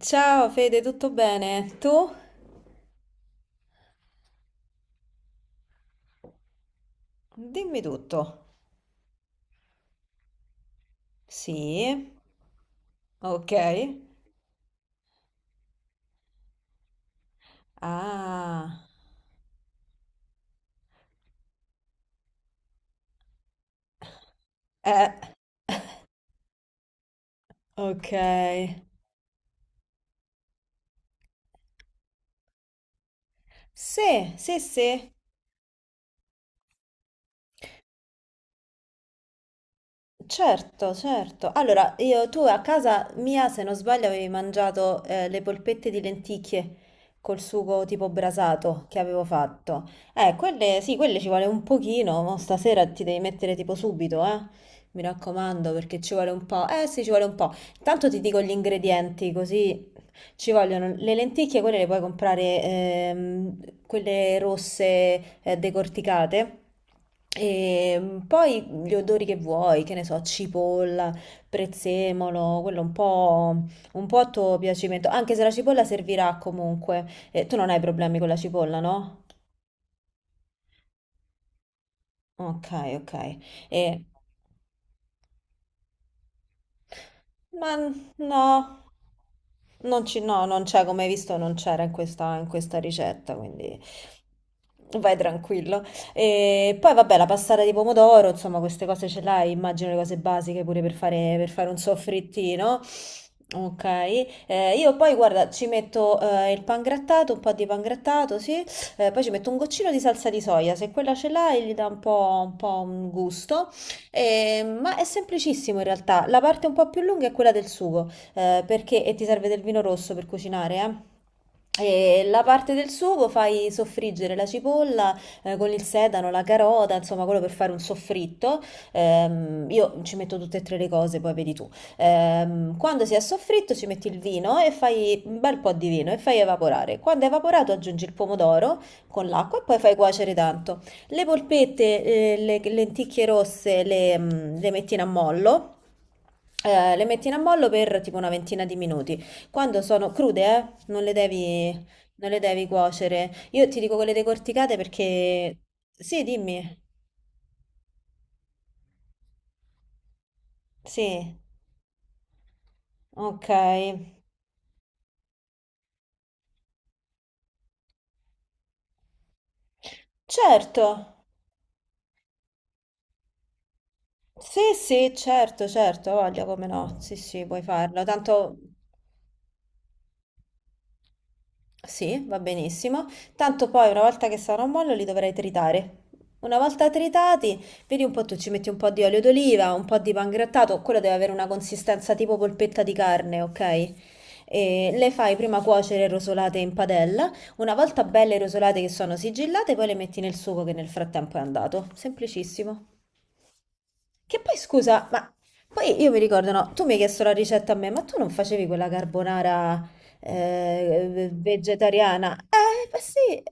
Ciao Fede, tutto bene? Tu? Dimmi tutto. Sì, ok. Ah, eh, ok. Sì, sì, sì. Certo, certo. Allora, io, tu a casa mia, se non sbaglio, avevi mangiato le polpette di lenticchie col sugo tipo brasato che avevo fatto. Quelle, sì, quelle ci vuole un pochino, mo stasera ti devi mettere tipo subito, eh. Mi raccomando, perché ci vuole un po'. Eh sì, ci vuole un po'. Intanto ti dico gli ingredienti, così ci vogliono le lenticchie, quelle le puoi comprare, quelle rosse, decorticate. E poi gli odori che vuoi, che ne so, cipolla, prezzemolo, quello un po' a tuo piacimento, anche se la cipolla servirà comunque. Tu non hai problemi con la cipolla, no? Ok, ok. E... Ma no, non ci- no, non c'è, come hai visto, non c'era in questa ricetta, quindi vai tranquillo. E poi vabbè, la passata di pomodoro, insomma, queste cose ce l'hai, immagino le cose basiche pure per fare un soffrittino. Ok, io poi guarda, ci metto il pangrattato, un po' di pangrattato, sì, poi ci metto un goccino di salsa di soia, se quella ce l'hai gli dà un po', un po' un gusto. Ma è semplicissimo in realtà. La parte un po' più lunga è quella del sugo, perché e ti serve del vino rosso per cucinare, eh. E la parte del sugo fai soffriggere la cipolla con il sedano, la carota, insomma, quello per fare un soffritto. Io ci metto tutte e tre le cose, poi vedi tu. Quando si è soffritto, ci metti il vino e fai un bel po' di vino e fai evaporare. Quando è evaporato, aggiungi il pomodoro con l'acqua e poi fai cuocere tanto. Le polpette, le lenticchie rosse le metti in ammollo, le metti in ammollo per tipo una ventina di minuti. Quando sono crude, non le devi, non le devi cuocere. Io ti dico quelle decorticate perché... Sì, dimmi. Sì, ok. Certo. Sì, sì, certo, certo, voglio come no. Sì, sì, puoi farlo. Tanto... Sì, va benissimo. Tanto poi una volta che sarà un mollo li dovrai tritare. Una volta tritati, vedi un po', tu ci metti un po' di olio d'oliva, un po' di pangrattato, quello deve avere una consistenza tipo polpetta di carne, ok? E le fai prima cuocere rosolate in padella. Una volta belle rosolate che sono sigillate, poi le metti nel sugo che nel frattempo è andato. Semplicissimo. Che poi scusa, ma poi io mi ricordo, no, tu mi hai chiesto la ricetta a me, ma tu non facevi quella carbonara vegetariana? Ma sì.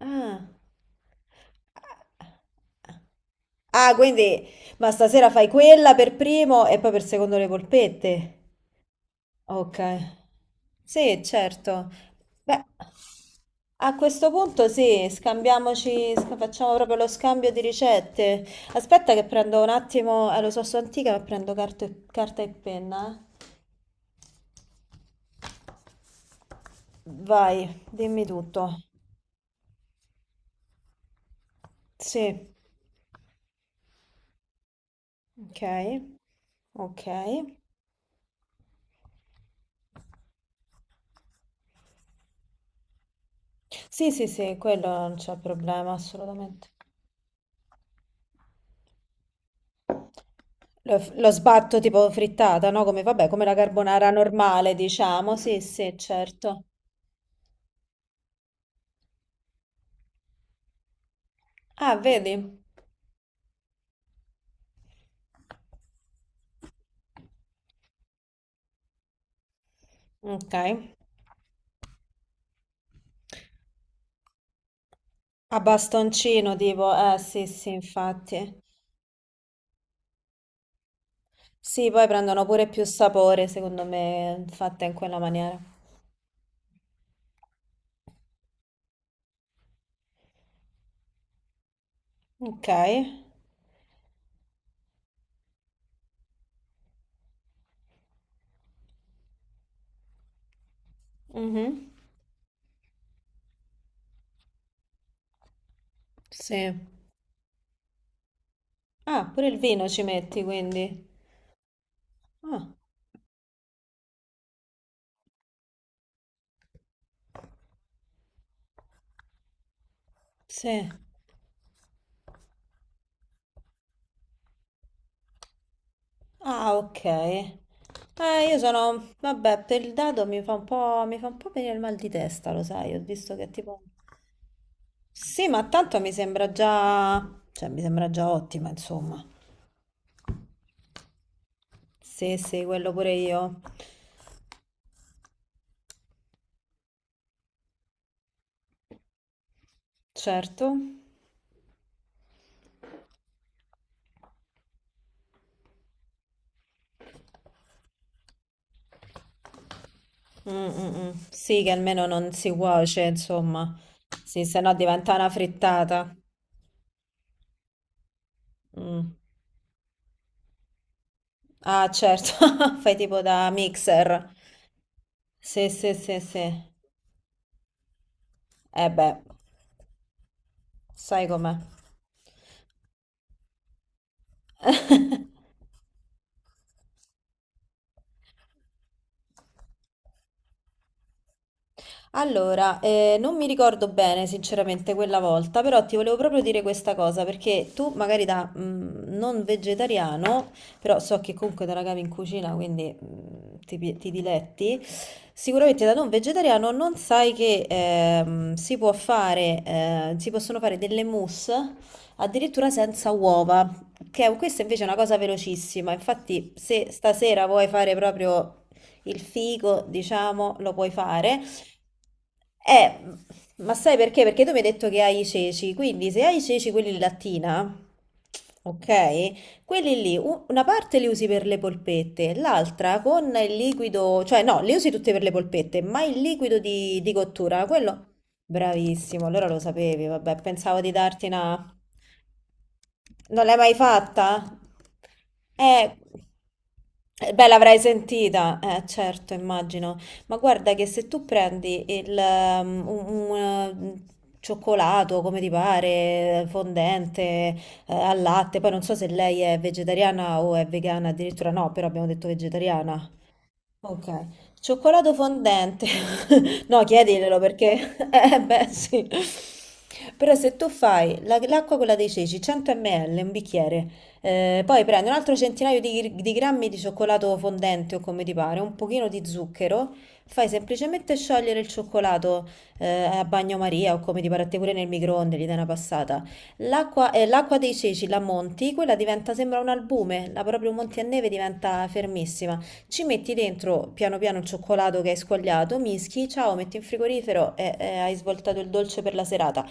Ah. Ah, quindi, ma stasera fai quella per primo e poi per secondo le polpette. Ok, sì, certo. Beh, a questo punto sì, scambiamoci, facciamo proprio lo scambio di ricette. Aspetta che prendo un attimo, lo so, sono antica, ma prendo carta e, carta e penna. Vai, dimmi tutto. Sì, ok, ok. Sì, sì, sì, quello non c'è problema, assolutamente. Lo, lo sbatto tipo frittata, no? Come, vabbè, come la carbonara normale, diciamo. Sì, sì, certo. Ah, vedi? Okay. A bastoncino tipo, eh sì, sì, infatti. Sì, poi prendono pure più sapore, secondo me, fatte in quella maniera. Ok. Mhm. Sì. Ah, pure il vino ci metti, quindi. Ah, sì. Ah, ok. Io sono... Vabbè, per il dado mi fa un po'... mi fa un po' venire il mal di testa, lo sai, ho visto che tipo... Sì, ma tanto mi sembra già... cioè, mi sembra già ottima, insomma. Sì, sì, quello pure io. Certo, Mm, mm, mm. Sì, che almeno non si cuoce, insomma, sì, se no diventa una frittata. Mm. Ah, certo, fai tipo da mixer. Sì, sì, sì, sì. Eh beh, sai com'è. Allora, non mi ricordo bene sinceramente quella volta, però ti volevo proprio dire questa cosa, perché tu magari da non vegetariano, però so che comunque te la cavi in cucina, quindi ti, ti diletti, sicuramente da non vegetariano non sai che si può fare, si possono fare delle mousse addirittura senza uova, questa invece è una cosa velocissima, infatti se stasera vuoi fare proprio il figo, diciamo, lo puoi fare. Eh, ma sai perché? Perché tu mi hai detto che hai i ceci, quindi se hai i ceci quelli in lattina, ok, quelli lì, una parte li usi per le polpette, l'altra con il liquido, cioè no, li usi tutte per le polpette, ma il liquido di cottura, quello... Bravissimo, allora lo sapevi, vabbè, pensavo di darti una... Non l'hai mai fatta? Eh, beh, l'avrai sentita, certo, immagino. Ma guarda che se tu prendi un, eh, cioccolato, come ti pare, fondente, al latte, poi non so se lei è vegetariana o è vegana, addirittura no, però abbiamo detto vegetariana. Ok, cioccolato fondente. No, chiediglielo perché, eh beh sì. Però se tu fai l'acqua quella dei ceci, 100 ml, un bicchiere, poi prendi un altro centinaio di grammi di cioccolato fondente o come ti pare, un pochino di zucchero, fai semplicemente sciogliere il cioccolato a bagnomaria o come ti pare a te pure nel microonde, gli dai una passata. L'acqua l'acqua dei ceci la monti, quella diventa, sembra un albume, la proprio monti a neve diventa fermissima. Ci metti dentro piano piano il cioccolato che hai squagliato, mischi, ciao, metti in frigorifero e hai svoltato il dolce per la serata.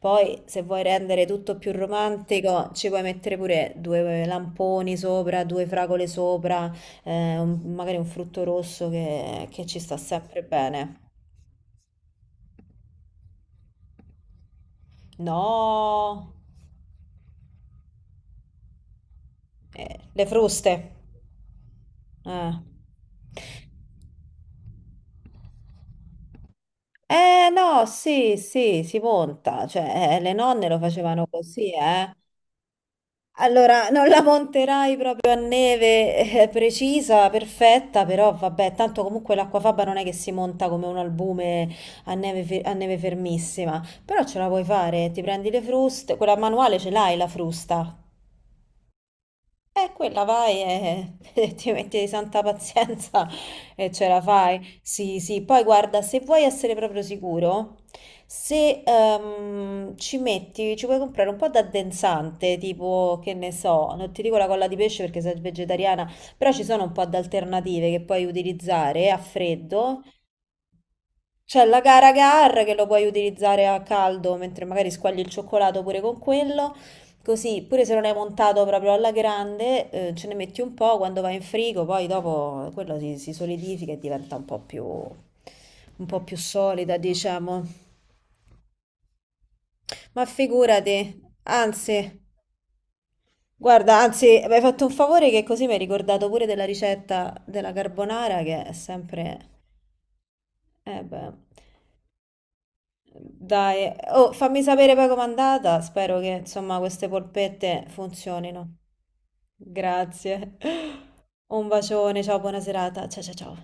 Poi, se vuoi rendere tutto più romantico, ci puoi mettere pure due lamponi sopra, due fragole sopra, magari un frutto rosso che ci sta sempre bene. No, le fruste. Eh. Eh no, sì, sì, si monta, cioè le nonne lo facevano così, eh. Allora, non la monterai proprio a neve precisa, perfetta, però vabbè, tanto comunque l'acquafaba non è che si monta come un albume a neve, a neve fermissima, però ce la puoi fare, ti prendi le fruste, quella manuale ce l'hai la frusta, quella vai e, e ti metti di santa pazienza e ce la fai. Sì, sì. Poi guarda, se vuoi essere proprio sicuro, se ci metti, ci puoi comprare un po' d'addensante, tipo, che ne so, non ti dico la colla di pesce perché sei vegetariana, però ci sono un po' di alternative che puoi utilizzare a freddo c'è la Gara Gar che lo puoi utilizzare a caldo mentre magari squagli il cioccolato pure con quello. Così, pure se non hai montato proprio alla grande, ce ne metti un po' quando va in frigo, poi dopo quello si, si solidifica e diventa un po' più solida, diciamo. Ma figurati, anzi, guarda, anzi, mi hai fatto un favore che così mi hai ricordato pure della ricetta della carbonara che è sempre... Eh beh. Dai, oh, fammi sapere poi com'è andata. Spero che insomma queste polpette funzionino. Grazie. Un bacione, ciao, buona serata. Ciao ciao ciao.